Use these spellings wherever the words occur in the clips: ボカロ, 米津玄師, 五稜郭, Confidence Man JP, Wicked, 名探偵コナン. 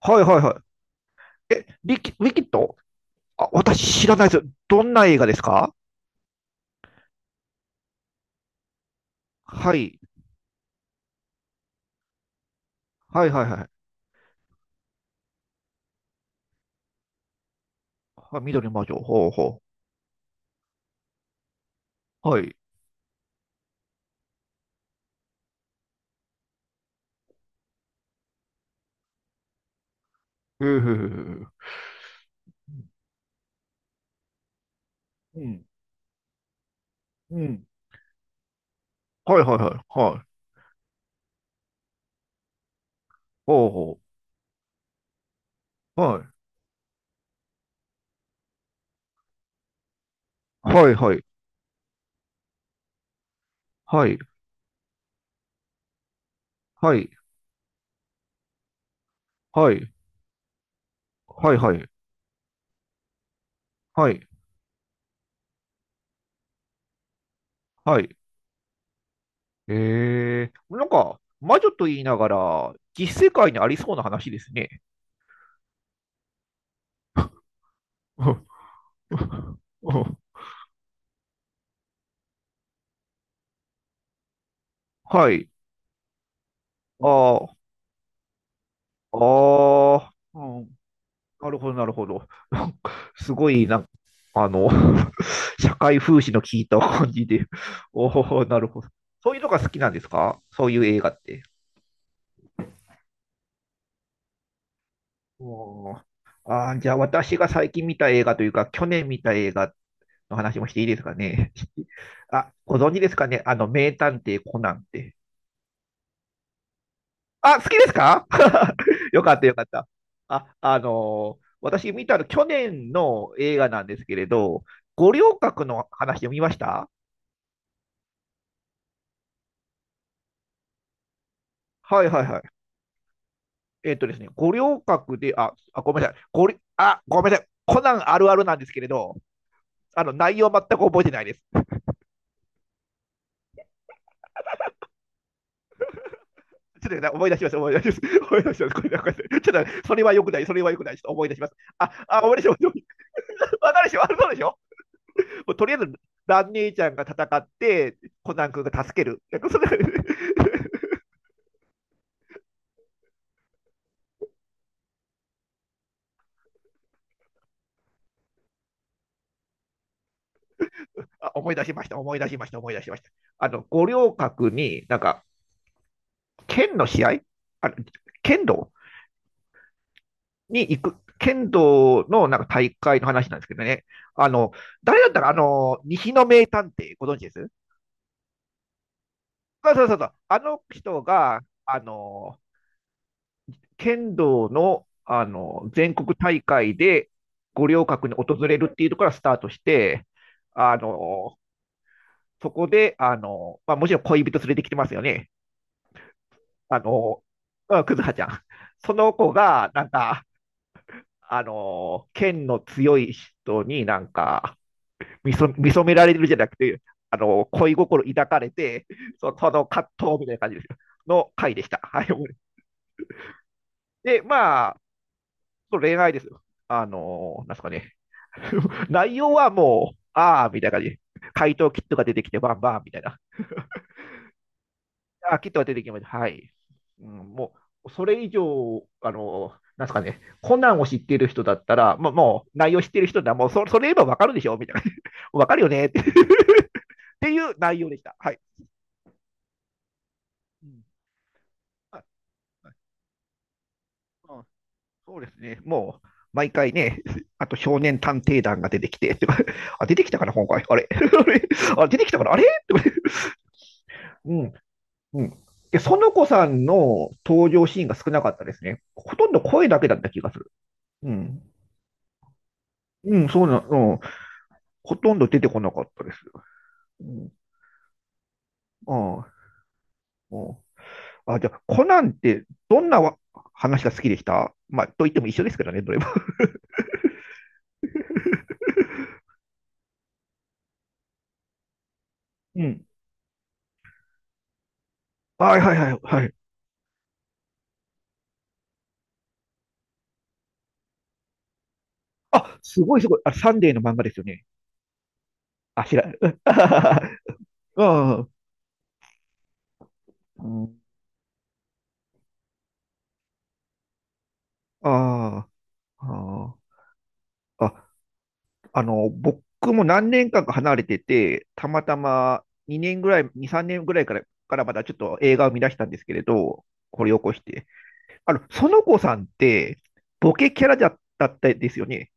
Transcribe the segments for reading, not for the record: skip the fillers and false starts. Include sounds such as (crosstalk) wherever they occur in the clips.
はいはいはい。え、リキ、ウィキッド、あ、私知らないです。どんな映画ですか？はい。はいはいはい。はい、緑の魔女。ほうほう。はい。へえへえへえ。うん。うん。はいはいはい。はい。ほうほう。はい。はいはい。はい。はい。はい。はいはい。はい。はい。なんか、魔女と言いながら、実世界にありそうな話ですね。(laughs) はい。ああ、ああ、うん。なるほど、なるほど。なんかすごい、なんあの、(laughs) 社会風刺の効いた感じで、おお、なるほど。そういうのが好きなんですか？そういう映画って。おー、じゃあ私が最近見た映画というか、去年見た映画の話もしていいですかね？(laughs) あ、ご存知ですかね、あの、名探偵コナンって。あ、好きですか？ (laughs) よかった、よかった。あ、私見たの去年の映画なんですけれど、五稜郭の話を見ました。はいはいはい。えっとですね、五稜郭で、あ、あ、ごめんなさい。ごり、あ、ごめんなさい。コナンあるあるなんですけれど、あの、内容全く覚えてないです。ちょっと思い出します、思い出します。思い出します。これだ、これだ。ちょっと、それは良くない。ちょっと思い出します。思い出します。わかるでしょ、あるそうでしょ。もうとりあえず、蘭姉ちゃんが戦って、コナン君が助ける。(laughs) なんかそれ。 (laughs) あ、思い出しました、思い出しました、思い出しました。あの、五稜郭に、なんか、剣の試合、あの、剣道に行く、剣道のなんか大会の話なんですけどね。あの、誰だったか、あの、西の名探偵、ご存知です？そうそうそうそう。あの人が、あの、剣道の、あの、全国大会で五稜郭に訪れるっていうところからスタートして、あの、そこで、あの、まあ、もちろん恋人連れてきてますよね。あの、クくずはちゃん。その子が、なんか、あの、剣の強い人になんか、見初められるじゃなくて、あの恋心抱かれて、その葛藤みたいな感じですよの回でした。はい、で、まあ、その恋愛ですよ。なんですかね。(laughs) 内容はもう、ああ、みたいな感じ。回答キットが出てきて、バンバンみたいな。あ、キットが出てきました。はい。うん、もう、それ以上、なんですかね、コナンを知っている人だったら、もう内容知っている人なら、もうそ、それ言えばわかるでしょみたいな。(laughs) わかるよねって。 (laughs) っていう内容でした。はい。うん、そうですね。もう、毎回ね、(laughs) あと少年探偵団が出てきて、(laughs) とか、あ、出てきたかな、今回。あれ。 (laughs) あれ、あ、出てきたかな、あれとか。うん、うん。で、園子さんの登場シーンが少なかったですね。ほとんど声だけだった気がする。うん。うん、そうな、うん。ほとんど出てこなかったです。うん。ああ、うん、あ、じゃあ、コナンってどんなわ話が好きでした？まあ、と言っても一緒ですけどね、どれも。うん。はいはいはい、はい。あ、すごいすごい。あ、サンデーの漫画ですよね。あ、ひらん、(laughs) ああ、うん、ああ、ああ、あの、僕も何年間か離れてて、たまたま2年ぐらい、2、3年ぐらいから、まだちょっと映画を見出したんですけれど、掘り起こして。あの、園子さんって、ボケキャラだったですよね。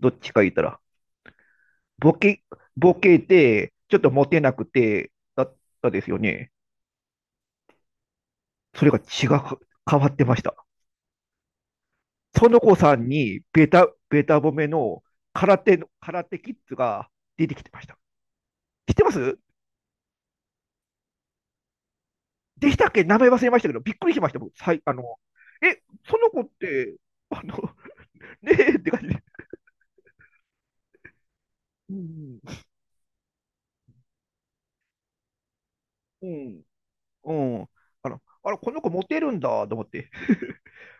どっちか言ったら。ボケ、ボケで、ちょっとモテなくて、だったですよね。それが違う、変わってました。園子さんにベタ褒めの、空手キッズが出てきてました。知ってます？でしたっけ、名前忘れましたけど、びっくりしました、僕。さい、あの、え、園子って、あの、(laughs) ねえって感じで。うん、うん、うん。あの、あれ、この子モテるんだと思って、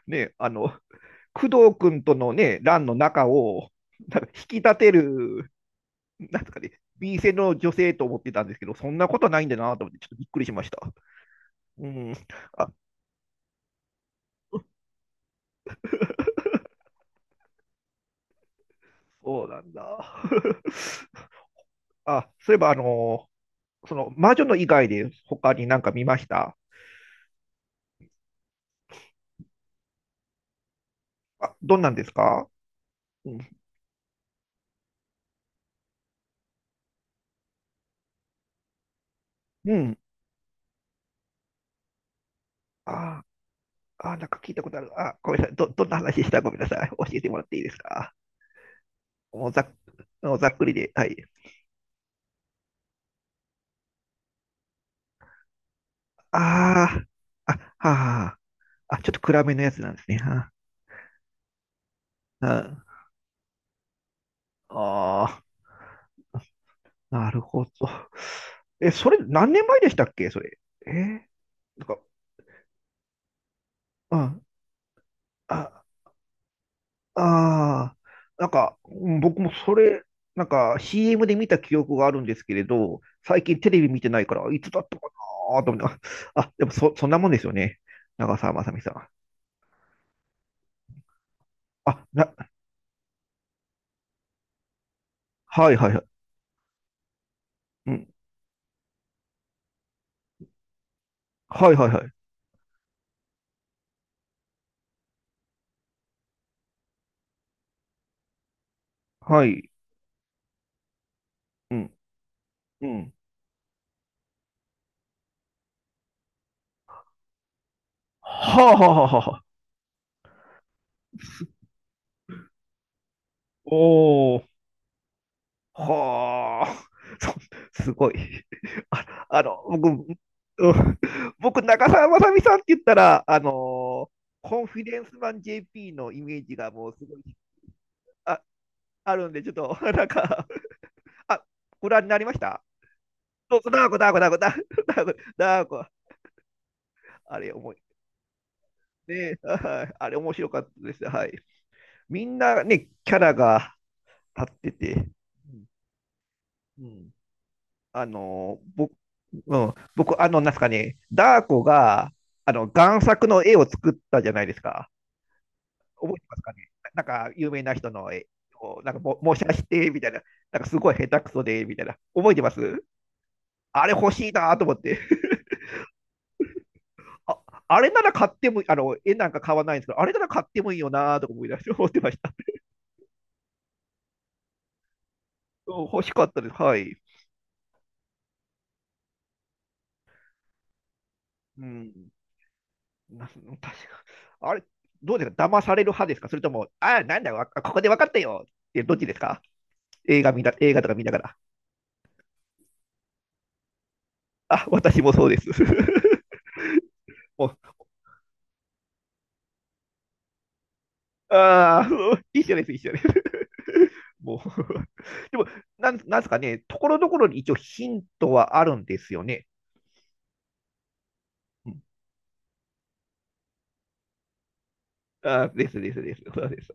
ね、あの、工藤君とのね、欄の中を、なんか引き立てる、なんですかね、B 線の女性と思ってたんですけど、そんなことないんだなと思って、ちょっとびっくりしました。うん。あ、そうなんだ。(laughs) あ、そういえば、その、魔女の以外で他になんか見ました？あ、どんなんですか？うん。うん、ああ、なんか聞いたことある。あ、ごめんなさい。どんな話でした？ごめんなさい。教えてもらっていいですか？もうざっ、もうざっくりで。はい。ああ、あ、はあ、あ、ちょっと暗めのやつなんですね。はあ、ああ、なるほど。え、それ何年前でしたっけ、それ。えー、なんか、うん。あ、ああ、なんか、うん、僕もそれ、なんか CM で見た記憶があるんですけれど、最近テレビ見てないから、いつだったかなと思って、あ、(laughs) あでもそんなもんですよね。長澤まさみさん。あ、な、はいはいはい。うん。はいはいはい。はい。うん。うん。はあはあはあはあ。おー。はあ、(laughs) そすごい。(laughs) あ、あの、僕、うん、僕、長澤まさみさんって言ったら、ーコンフィデンスマン JP のイメージがもうすごい、あ、あるんで、ちょっと、(laughs) なんか、あ、ご覧になりました？そうそう、ダー子、ダー子、ダー子、ダー子、ダー子、あれ、重い。ね、はい、あれ、面白かったです。はい。みんなね、キャラが立ってて、うん、うん。あの、僕、あの、なんすかね、ダー子が、あの、贋作の絵を作ったじゃないですか。覚えてますかね。なんか、有名な人の絵を、なんか、模写して、みたいな。なんか、すごい下手くそで、みたいな。覚えてます？あれ欲しいなと思って。あ、あれなら買っても、あの、絵なんか買わないんですけど、あれなら買ってもいいよなとか思い出して、思ってました。うん、欲しかったです。はい。うん。な確か。あれ、どうですか、騙される派ですか？それとも、あ、なんだよ、わここで分かったよって、どっちですか？映画見な、映画とか見ながら。あ、私もそうです。(laughs) もう、ああ、(laughs) 一緒です。(laughs) もう、(laughs) でも、なんですかね、ところどころに一応ヒントはあるんですよね。うん、あーですですです。そうです。